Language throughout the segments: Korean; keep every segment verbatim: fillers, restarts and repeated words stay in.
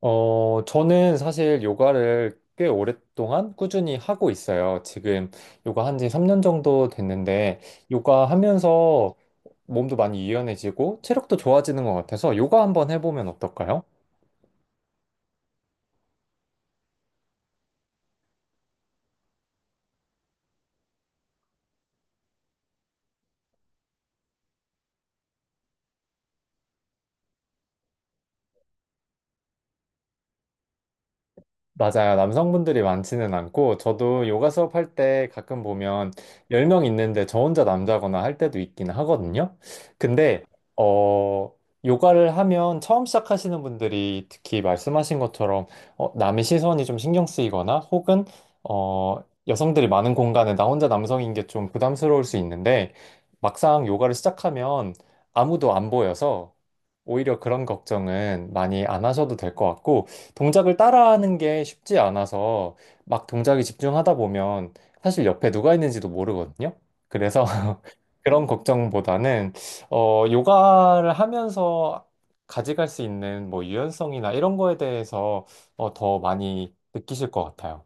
어, 저는 사실 요가를 꽤 오랫동안 꾸준히 하고 있어요. 지금 요가 한지 삼 년 정도 됐는데, 요가 하면서 몸도 많이 유연해지고, 체력도 좋아지는 것 같아서 요가 한번 해보면 어떨까요? 맞아요. 남성분들이 많지는 않고, 저도 요가 수업할 때 가끔 보면 열 명 있는데 저 혼자 남자거나 할 때도 있긴 하거든요. 근데, 어, 요가를 하면 처음 시작하시는 분들이 특히 말씀하신 것처럼, 어, 남의 시선이 좀 신경 쓰이거나, 혹은, 어, 여성들이 많은 공간에 나 혼자 남성인 게 좀 부담스러울 수 있는데, 막상 요가를 시작하면 아무도 안 보여서, 오히려 그런 걱정은 많이 안 하셔도 될 것 같고, 동작을 따라하는 게 쉽지 않아서 막 동작에 집중하다 보면 사실 옆에 누가 있는지도 모르거든요. 그래서 그런 걱정보다는 어, 요가를 하면서 가져갈 수 있는 뭐 유연성이나 이런 거에 대해서 어, 더 많이 느끼실 것 같아요.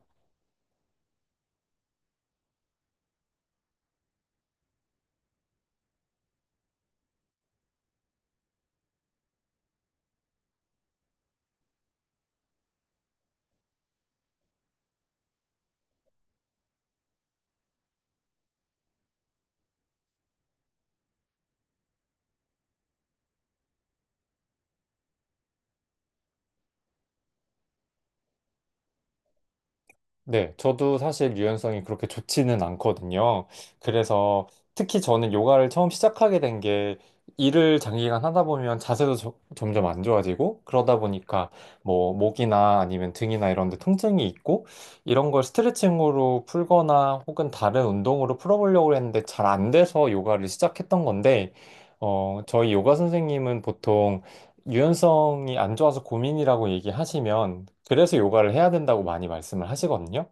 네, 저도 사실 유연성이 그렇게 좋지는 않거든요. 그래서 특히 저는 요가를 처음 시작하게 된 게 일을 장기간 하다 보면 자세도 저- 점점 안 좋아지고 그러다 보니까 뭐 목이나 아니면 등이나 이런 데 통증이 있고 이런 걸 스트레칭으로 풀거나 혹은 다른 운동으로 풀어보려고 했는데 잘 안 돼서 요가를 시작했던 건데 어, 저희 요가 선생님은 보통 유연성이 안 좋아서 고민이라고 얘기하시면 그래서 요가를 해야 된다고 많이 말씀을 하시거든요.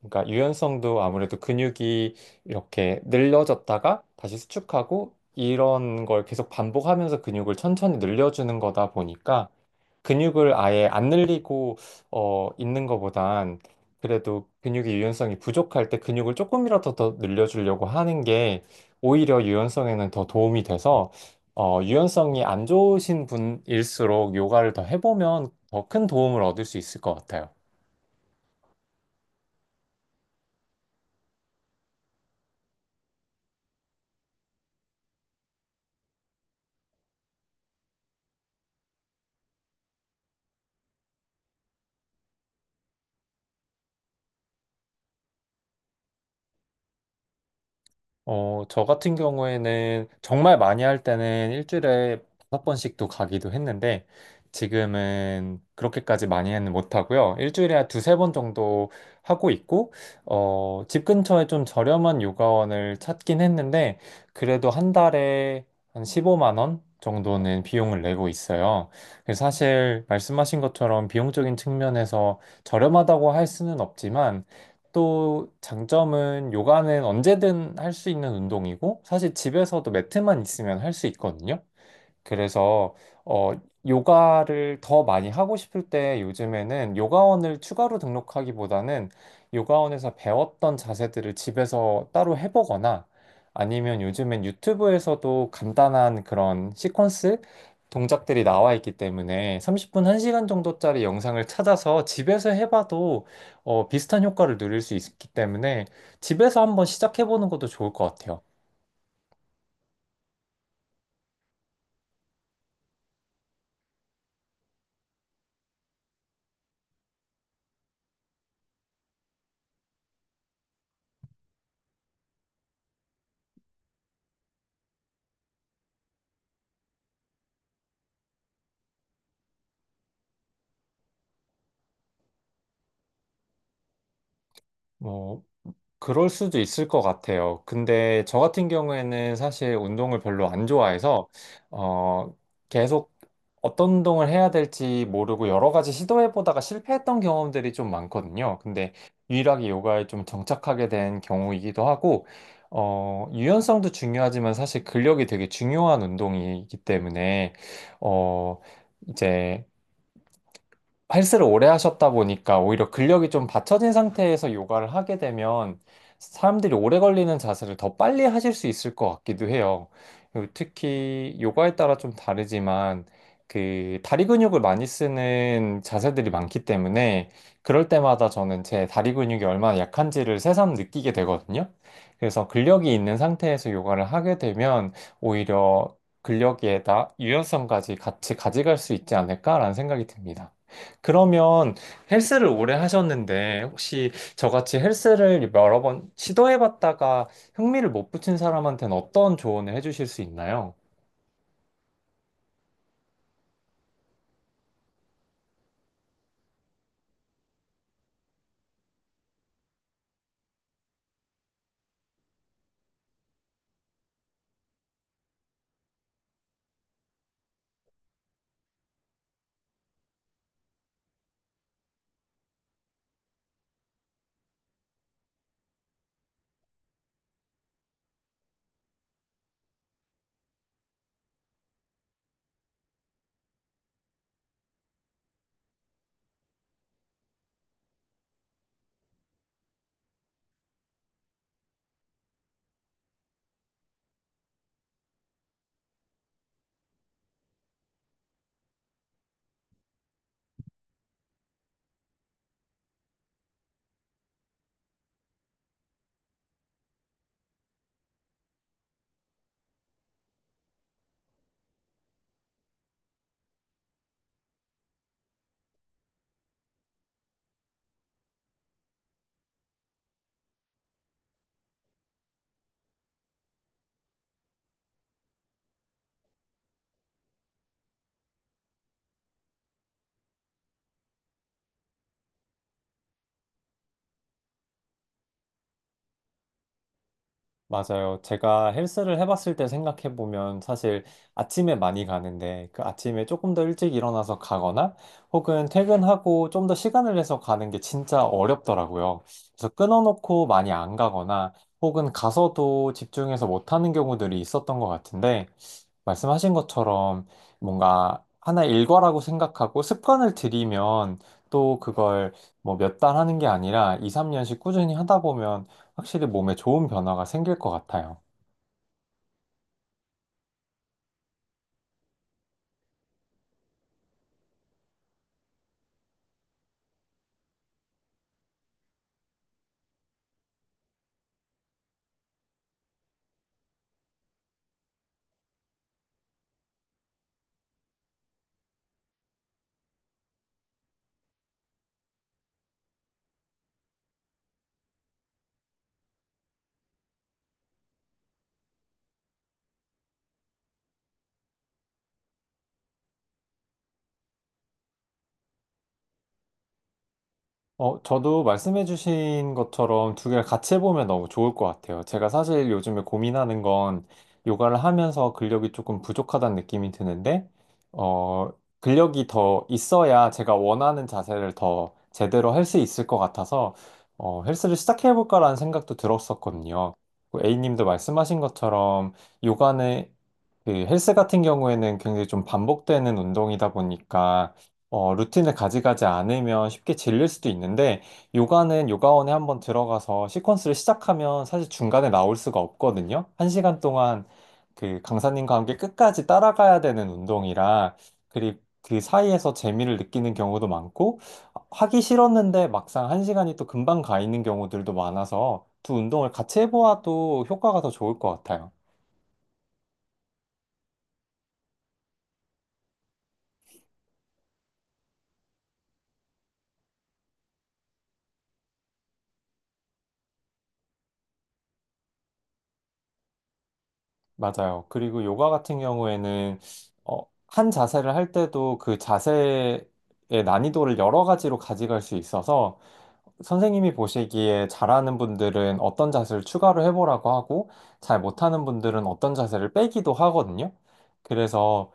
그러니까 유연성도 아무래도 근육이 이렇게 늘려졌다가 다시 수축하고 이런 걸 계속 반복하면서 근육을 천천히 늘려주는 거다 보니까 근육을 아예 안 늘리고 어, 있는 것보단 그래도 근육의 유연성이 부족할 때 근육을 조금이라도 더 늘려주려고 하는 게 오히려 유연성에는 더 도움이 돼서 어, 유연성이 안 좋으신 분일수록 요가를 더 해보면 더 큰 도움을 얻을 수 있을 것 같아요. 어, 저 같은 경우에는 정말 많이 할 때는 일주일에 다섯 번씩도 가기도 했는데 지금은 그렇게까지 많이는 못하고요. 일주일에 한 두세 번 정도 하고 있고, 어, 집 근처에 좀 저렴한 요가원을 찾긴 했는데 그래도 한 달에 한 십오만 원 정도는 비용을 내고 있어요. 그래서 사실 말씀하신 것처럼 비용적인 측면에서 저렴하다고 할 수는 없지만 또 장점은 요가는 언제든 할 수 있는 운동이고, 사실 집에서도 매트만 있으면 할 수 있거든요. 그래서 어 요가를 더 많이 하고 싶을 때 요즘에는 요가원을 추가로 등록하기보다는 요가원에서 배웠던 자세들을 집에서 따로 해보거나 아니면 요즘엔 유튜브에서도 간단한 그런 시퀀스 동작들이 나와 있기 때문에 삼십 분, 한 시간 정도짜리 영상을 찾아서 집에서 해봐도 어, 비슷한 효과를 누릴 수 있기 때문에 집에서 한번 시작해보는 것도 좋을 것 같아요. 그럴 수도 있을 것 같아요. 근데 저 같은 경우에는 사실 운동을 별로 안 좋아해서, 어, 계속 어떤 운동을 해야 될지 모르고 여러 가지 시도해보다가 실패했던 경험들이 좀 많거든요. 근데 유일하게 요가에 좀 정착하게 된 경우이기도 하고, 어, 유연성도 중요하지만 사실 근력이 되게 중요한 운동이기 때문에, 어, 이제 헬스를 오래 하셨다 보니까 오히려 근력이 좀 받쳐진 상태에서 요가를 하게 되면 사람들이 오래 걸리는 자세를 더 빨리 하실 수 있을 것 같기도 해요. 그리고 특히 요가에 따라 좀 다르지만 그 다리 근육을 많이 쓰는 자세들이 많기 때문에 그럴 때마다 저는 제 다리 근육이 얼마나 약한지를 새삼 느끼게 되거든요. 그래서 근력이 있는 상태에서 요가를 하게 되면 오히려 근력에다 유연성까지 같이 가져갈 수 있지 않을까라는 생각이 듭니다. 그러면 헬스를 오래 하셨는데 혹시 저같이 헬스를 여러 번 시도해봤다가 흥미를 못 붙인 사람한테는 어떤 조언을 해주실 수 있나요? 맞아요. 제가 헬스를 해봤을 때 생각해보면 사실 아침에 많이 가는데 그 아침에 조금 더 일찍 일어나서 가거나 혹은 퇴근하고 좀 더 시간을 내서 가는 게 진짜 어렵더라고요. 그래서 끊어놓고 많이 안 가거나 혹은 가서도 집중해서 못하는 경우들이 있었던 것 같은데 말씀하신 것처럼 뭔가 하나의 일과라고 생각하고 습관을 들이면 또 그걸 뭐 몇 달 하는 게 아니라 이, 삼 년씩 꾸준히 하다 보면 확실히 몸에 좋은 변화가 생길 것 같아요. 어, 저도 말씀해주신 것처럼 두 개를 같이 해보면 너무 좋을 것 같아요. 제가 사실 요즘에 고민하는 건 요가를 하면서 근력이 조금 부족하다는 느낌이 드는데, 어, 근력이 더 있어야 제가 원하는 자세를 더 제대로 할 수 있을 것 같아서, 어, 헬스를 시작해볼까라는 생각도 들었었거든요. 그 A님도 말씀하신 것처럼 요가는 그 헬스 같은 경우에는 굉장히 좀 반복되는 운동이다 보니까 어, 루틴을 가져가지 않으면 쉽게 질릴 수도 있는데, 요가는 요가원에 한번 들어가서 시퀀스를 시작하면 사실 중간에 나올 수가 없거든요. 한 시간 동안 그 강사님과 함께 끝까지 따라가야 되는 운동이라, 그리고 그 사이에서 재미를 느끼는 경우도 많고, 하기 싫었는데 막상 한 시간이 또 금방 가 있는 경우들도 많아서 두 운동을 같이 해보아도 효과가 더 좋을 것 같아요. 맞아요. 그리고 요가 같은 경우에는 어, 한 자세를 할 때도 그 자세의 난이도를 여러 가지로 가져갈 수 있어서 선생님이 보시기에 잘하는 분들은 어떤 자세를 추가로 해보라고 하고 잘 못하는 분들은 어떤 자세를 빼기도 하거든요. 그래서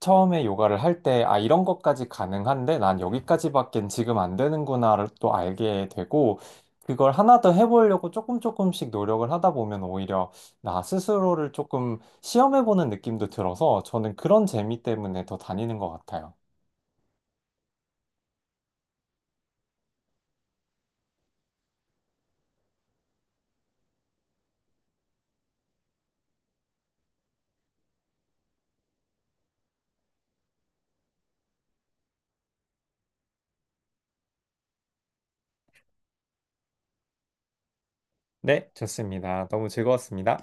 처음에 요가를 할 때, 아, 이런 것까지 가능한데, 난 여기까지밖엔 지금 안 되는구나를 또 알게 되고, 그걸 하나 더 해보려고 조금 조금씩 노력을 하다 보면 오히려 나 스스로를 조금 시험해보는 느낌도 들어서 저는 그런 재미 때문에 더 다니는 것 같아요. 네, 좋습니다. 너무 즐거웠습니다.